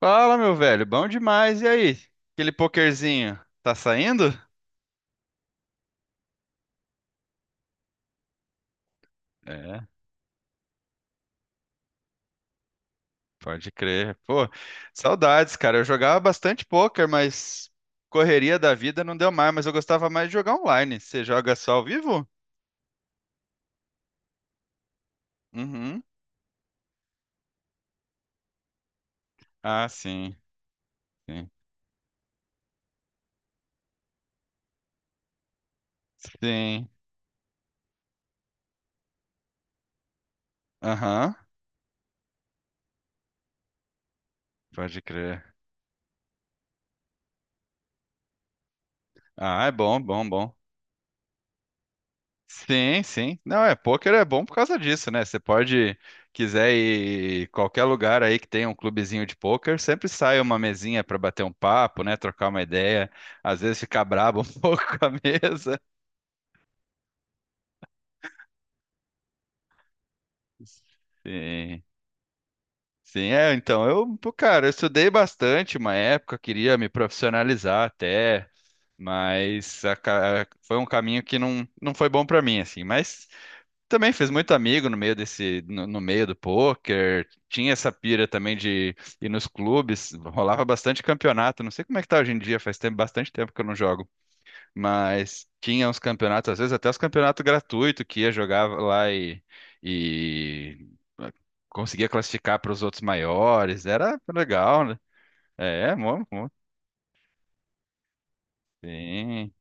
Fala, meu velho, bom demais. E aí? Aquele pokerzinho, tá saindo? É, pode crer. Pô, saudades, cara. Eu jogava bastante poker, mas correria da vida não deu mais, mas eu gostava mais de jogar online. Você joga só ao vivo? Uhum. Ah, sim, sim. Sim. Aham, pode crer. Ah, é bom, bom, bom. Sim, sim. Não, é, pôquer é bom por causa disso, né? Você pode, quiser ir em qualquer lugar aí que tenha um clubezinho de pôquer, sempre sai uma mesinha para bater um papo, né? Trocar uma ideia, às vezes ficar brabo um pouco com a mesa. Sim, sim, é, então, pô, cara, eu estudei bastante uma época, queria me profissionalizar até, mas foi um caminho que não foi bom para mim, assim, mas também fez muito amigo no meio desse, no meio do poker. Tinha essa pira também de ir nos clubes. Rolava bastante campeonato. Não sei como é que tá hoje em dia, faz tempo, bastante tempo que eu não jogo. Mas tinha uns campeonatos, às vezes até os campeonatos gratuitos que ia jogar lá e eh, conseguia classificar para os outros maiores. Era legal, né? É, mó, mó, sim.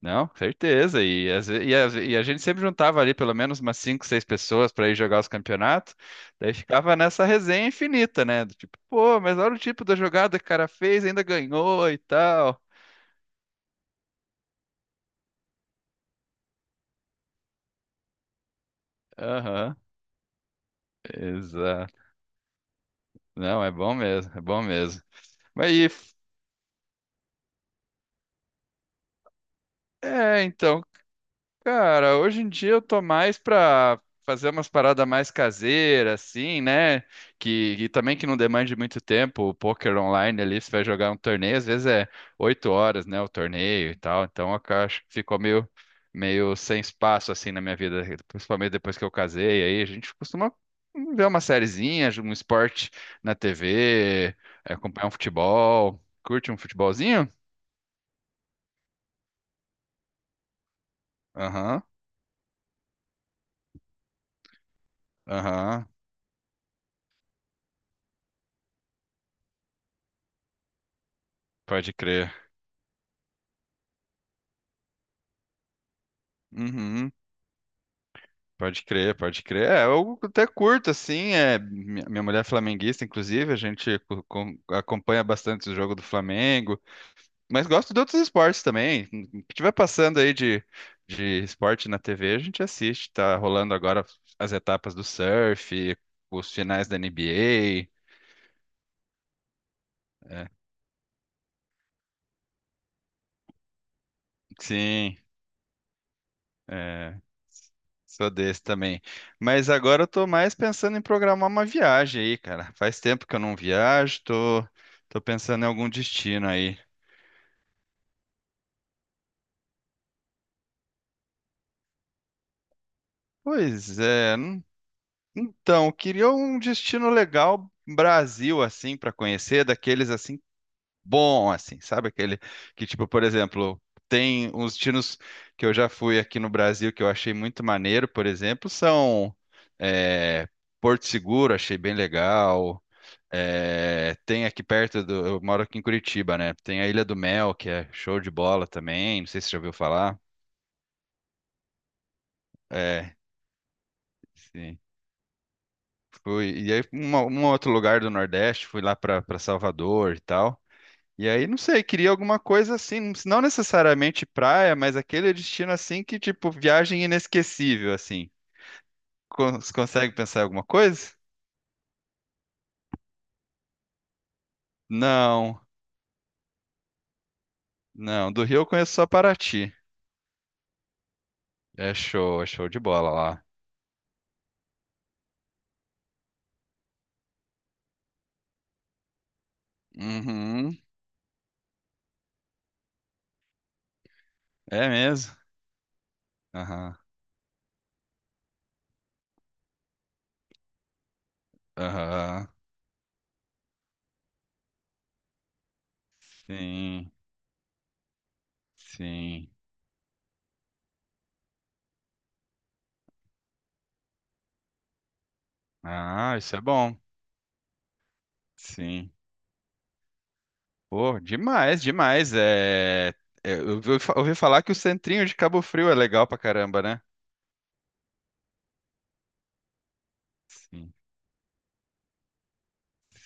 Não, certeza. E e a gente sempre juntava ali pelo menos umas cinco, seis pessoas para ir jogar os campeonatos. Daí ficava nessa resenha infinita, né? Do tipo, pô, mas olha o tipo da jogada que o cara fez, ainda ganhou e tal. Aham, exato. Não, é bom mesmo, é bom mesmo. Mas e, é, então. Cara, hoje em dia eu tô mais pra fazer umas paradas mais caseiras, assim, né? E também que não demande muito tempo. O poker online ali, você vai jogar um torneio, às vezes é oito horas, né? O torneio e tal. Então eu acho que ficou meio sem espaço, assim, na minha vida. Principalmente depois que eu casei, aí a gente costuma ver uma sériezinha, um esporte na TV, acompanhar um futebol. Curte um futebolzinho? Aham, aham, pode crer. Uhum. Pode crer, pode crer. É, eu até curto, assim. É, minha mulher é flamenguista, inclusive, a gente acompanha bastante o jogo do Flamengo. Mas gosto de outros esportes também. O que tiver passando aí de esporte na TV, a gente assiste. Tá rolando agora as etapas do surf, os finais da NBA. É, sim. É, sou desse também. Mas agora eu tô mais pensando em programar uma viagem aí, cara. Faz tempo que eu não viajo, tô, tô pensando em algum destino aí. Pois é. Então, eu queria um destino legal Brasil assim para conhecer, daqueles assim bom assim, sabe aquele que tipo, por exemplo, tem uns destinos que eu já fui aqui no Brasil que eu achei muito maneiro, por exemplo, são é, Porto Seguro, achei bem legal. É, tem aqui perto do. Eu moro aqui em Curitiba, né? Tem a Ilha do Mel, que é show de bola também. Não sei se você já ouviu falar. É, sim. Fui, e aí, um outro lugar do Nordeste, fui lá pra Salvador e tal. E aí, não sei, queria alguma coisa assim, não necessariamente praia, mas aquele destino assim que, tipo, viagem inesquecível, assim. Você consegue pensar em alguma coisa? Não, não. Do Rio eu conheço só Paraty. É show de bola lá. Uhum, é mesmo. Aham. Aham. Sim, sim. Ah, isso é bom. Sim. Pô, demais, demais. É... é, eu ouvi ouvi falar que o centrinho de Cabo Frio é legal pra caramba, né? Sim,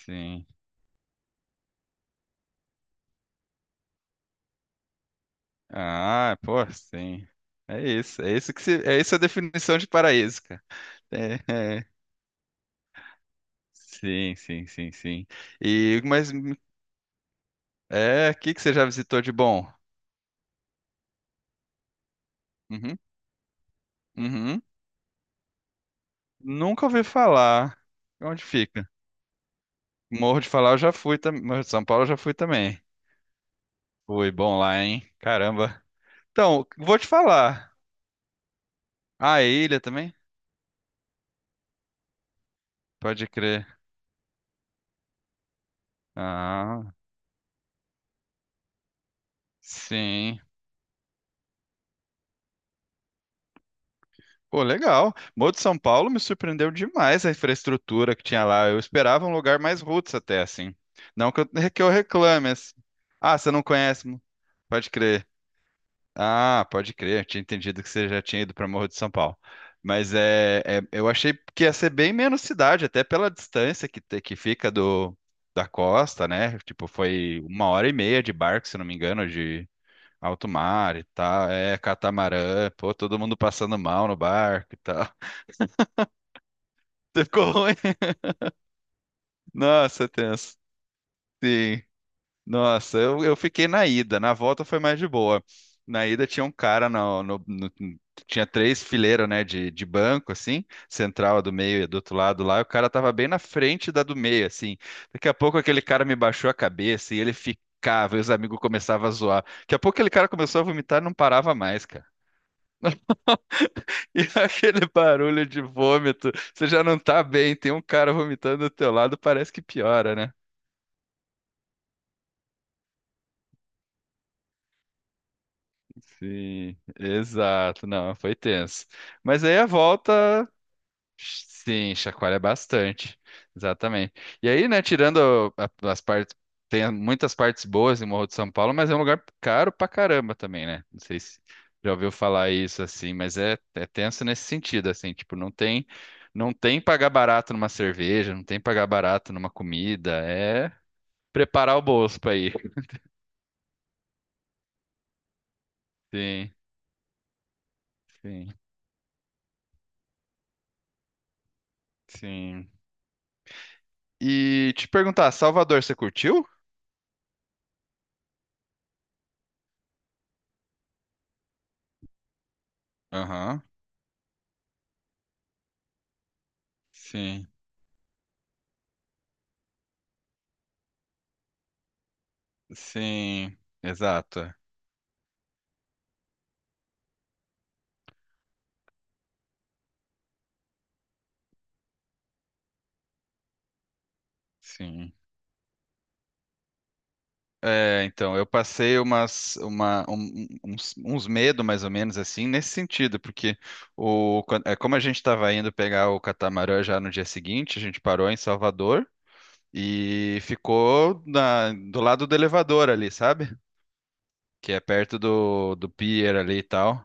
sim. Ah, pô, sim. É isso que se... é isso a definição de paraíso, cara. É, é. Sim, sim, sim, sim. E mas hum, é, o que que você já visitou de bom? Uhum, uhum. Nunca ouvi falar. Onde fica? Morro de falar, eu já fui também. Morro de São Paulo, eu já fui também. Fui bom lá, hein? Caramba. Então, vou te falar. A ilha também? Pode crer. Ah, sim. Pô, legal. Morro de São Paulo me surpreendeu demais a infraestrutura que tinha lá. Eu esperava um lugar mais roots até, assim. Não que eu, que eu reclame, assim. Ah, você não conhece? Pode crer. Ah, pode crer, eu tinha entendido que você já tinha ido para Morro de São Paulo. Mas eu achei que ia ser bem menos cidade, até pela distância que fica do, da costa, né? Tipo, foi uma hora e meia de barco, se não me engano, de alto mar e tal. É, catamarã, pô, todo mundo passando mal no barco e tal. Ficou ruim. Nossa, tenso. Sim. Nossa, eu fiquei na ida. Na volta foi mais de boa. Na ida tinha um cara tinha três fileiras, né, de banco, assim, central, a do meio e do outro lado lá. E o cara tava bem na frente da do meio, assim. Daqui a pouco aquele cara me baixou a cabeça e ele ficava, e os amigos começavam a zoar. Daqui a pouco aquele cara começou a vomitar e não parava mais, cara. E aquele barulho de vômito, você já não tá bem, tem um cara vomitando do teu lado, parece que piora, né? Sim, exato. Não, foi tenso. Mas aí a volta, sim, chacoalha bastante. Exatamente. E aí, né, tirando as partes, tem muitas partes boas em Morro de São Paulo, mas é um lugar caro pra caramba também, né? Não sei se já ouviu falar isso assim, mas é, é tenso nesse sentido, assim, tipo, não tem pagar barato numa cerveja, não tem pagar barato numa comida, é preparar o bolso pra ir. Sim, sim, sim. E te perguntar, Salvador, você curtiu? Aham, sim, sim, exato, sim. É, então, eu passei umas, uma, um- um- uns, uns medos, mais ou menos, assim, nesse sentido, porque é, como a gente estava indo pegar o catamarã já no dia seguinte, a gente parou em Salvador e ficou do lado do elevador ali, sabe? Que é perto do pier ali e tal.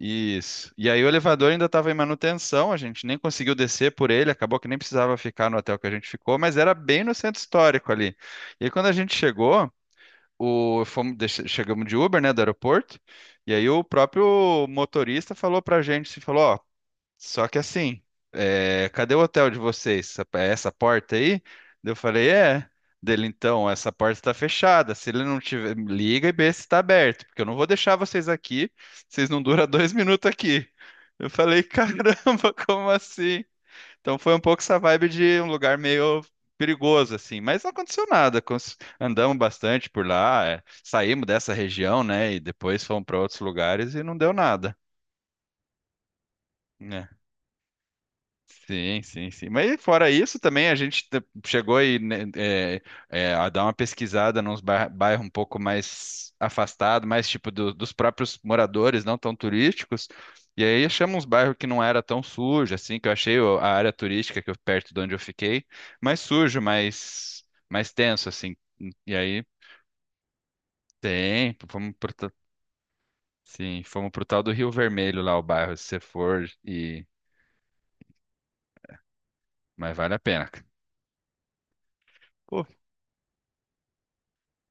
Isso. E aí o elevador ainda estava em manutenção, a gente nem conseguiu descer por ele, acabou que nem precisava ficar no hotel que a gente ficou, mas era bem no centro histórico ali. E aí, quando a gente chegou, fomos, chegamos de Uber, né, do aeroporto, e aí o próprio motorista falou pra gente, se falou, ó, só que assim, é, cadê o hotel de vocês? Essa é essa porta aí? Daí eu falei, é. Dele, então, essa porta está fechada. Se ele não tiver, liga e vê se está aberto, porque eu não vou deixar vocês aqui. Vocês não duram dois minutos aqui. Eu falei, caramba, como assim? Então foi um pouco essa vibe de um lugar meio perigoso, assim, mas não aconteceu nada. Andamos bastante por lá, é, saímos dessa região, né? E depois fomos para outros lugares e não deu nada. Né. Sim, sim, sim. Mas fora isso, também a gente chegou aí, né, é, a dar uma pesquisada nos bairros um pouco mais afastados, mais tipo dos próprios moradores, não tão turísticos. E aí achamos uns bairros que não era tão sujo, assim, que eu achei a área turística que eu, perto de onde eu fiquei, mais sujo, mais tenso, assim. E aí tem, fomos pro, ta- sim, fomos pro tal do Rio Vermelho lá, o bairro, se você for, e, mas vale a pena. Pô,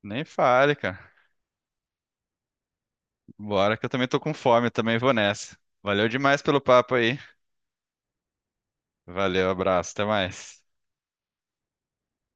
nem fale, cara. Bora que eu também tô com fome, eu também vou nessa. Valeu demais pelo papo aí. Valeu, abraço, até mais.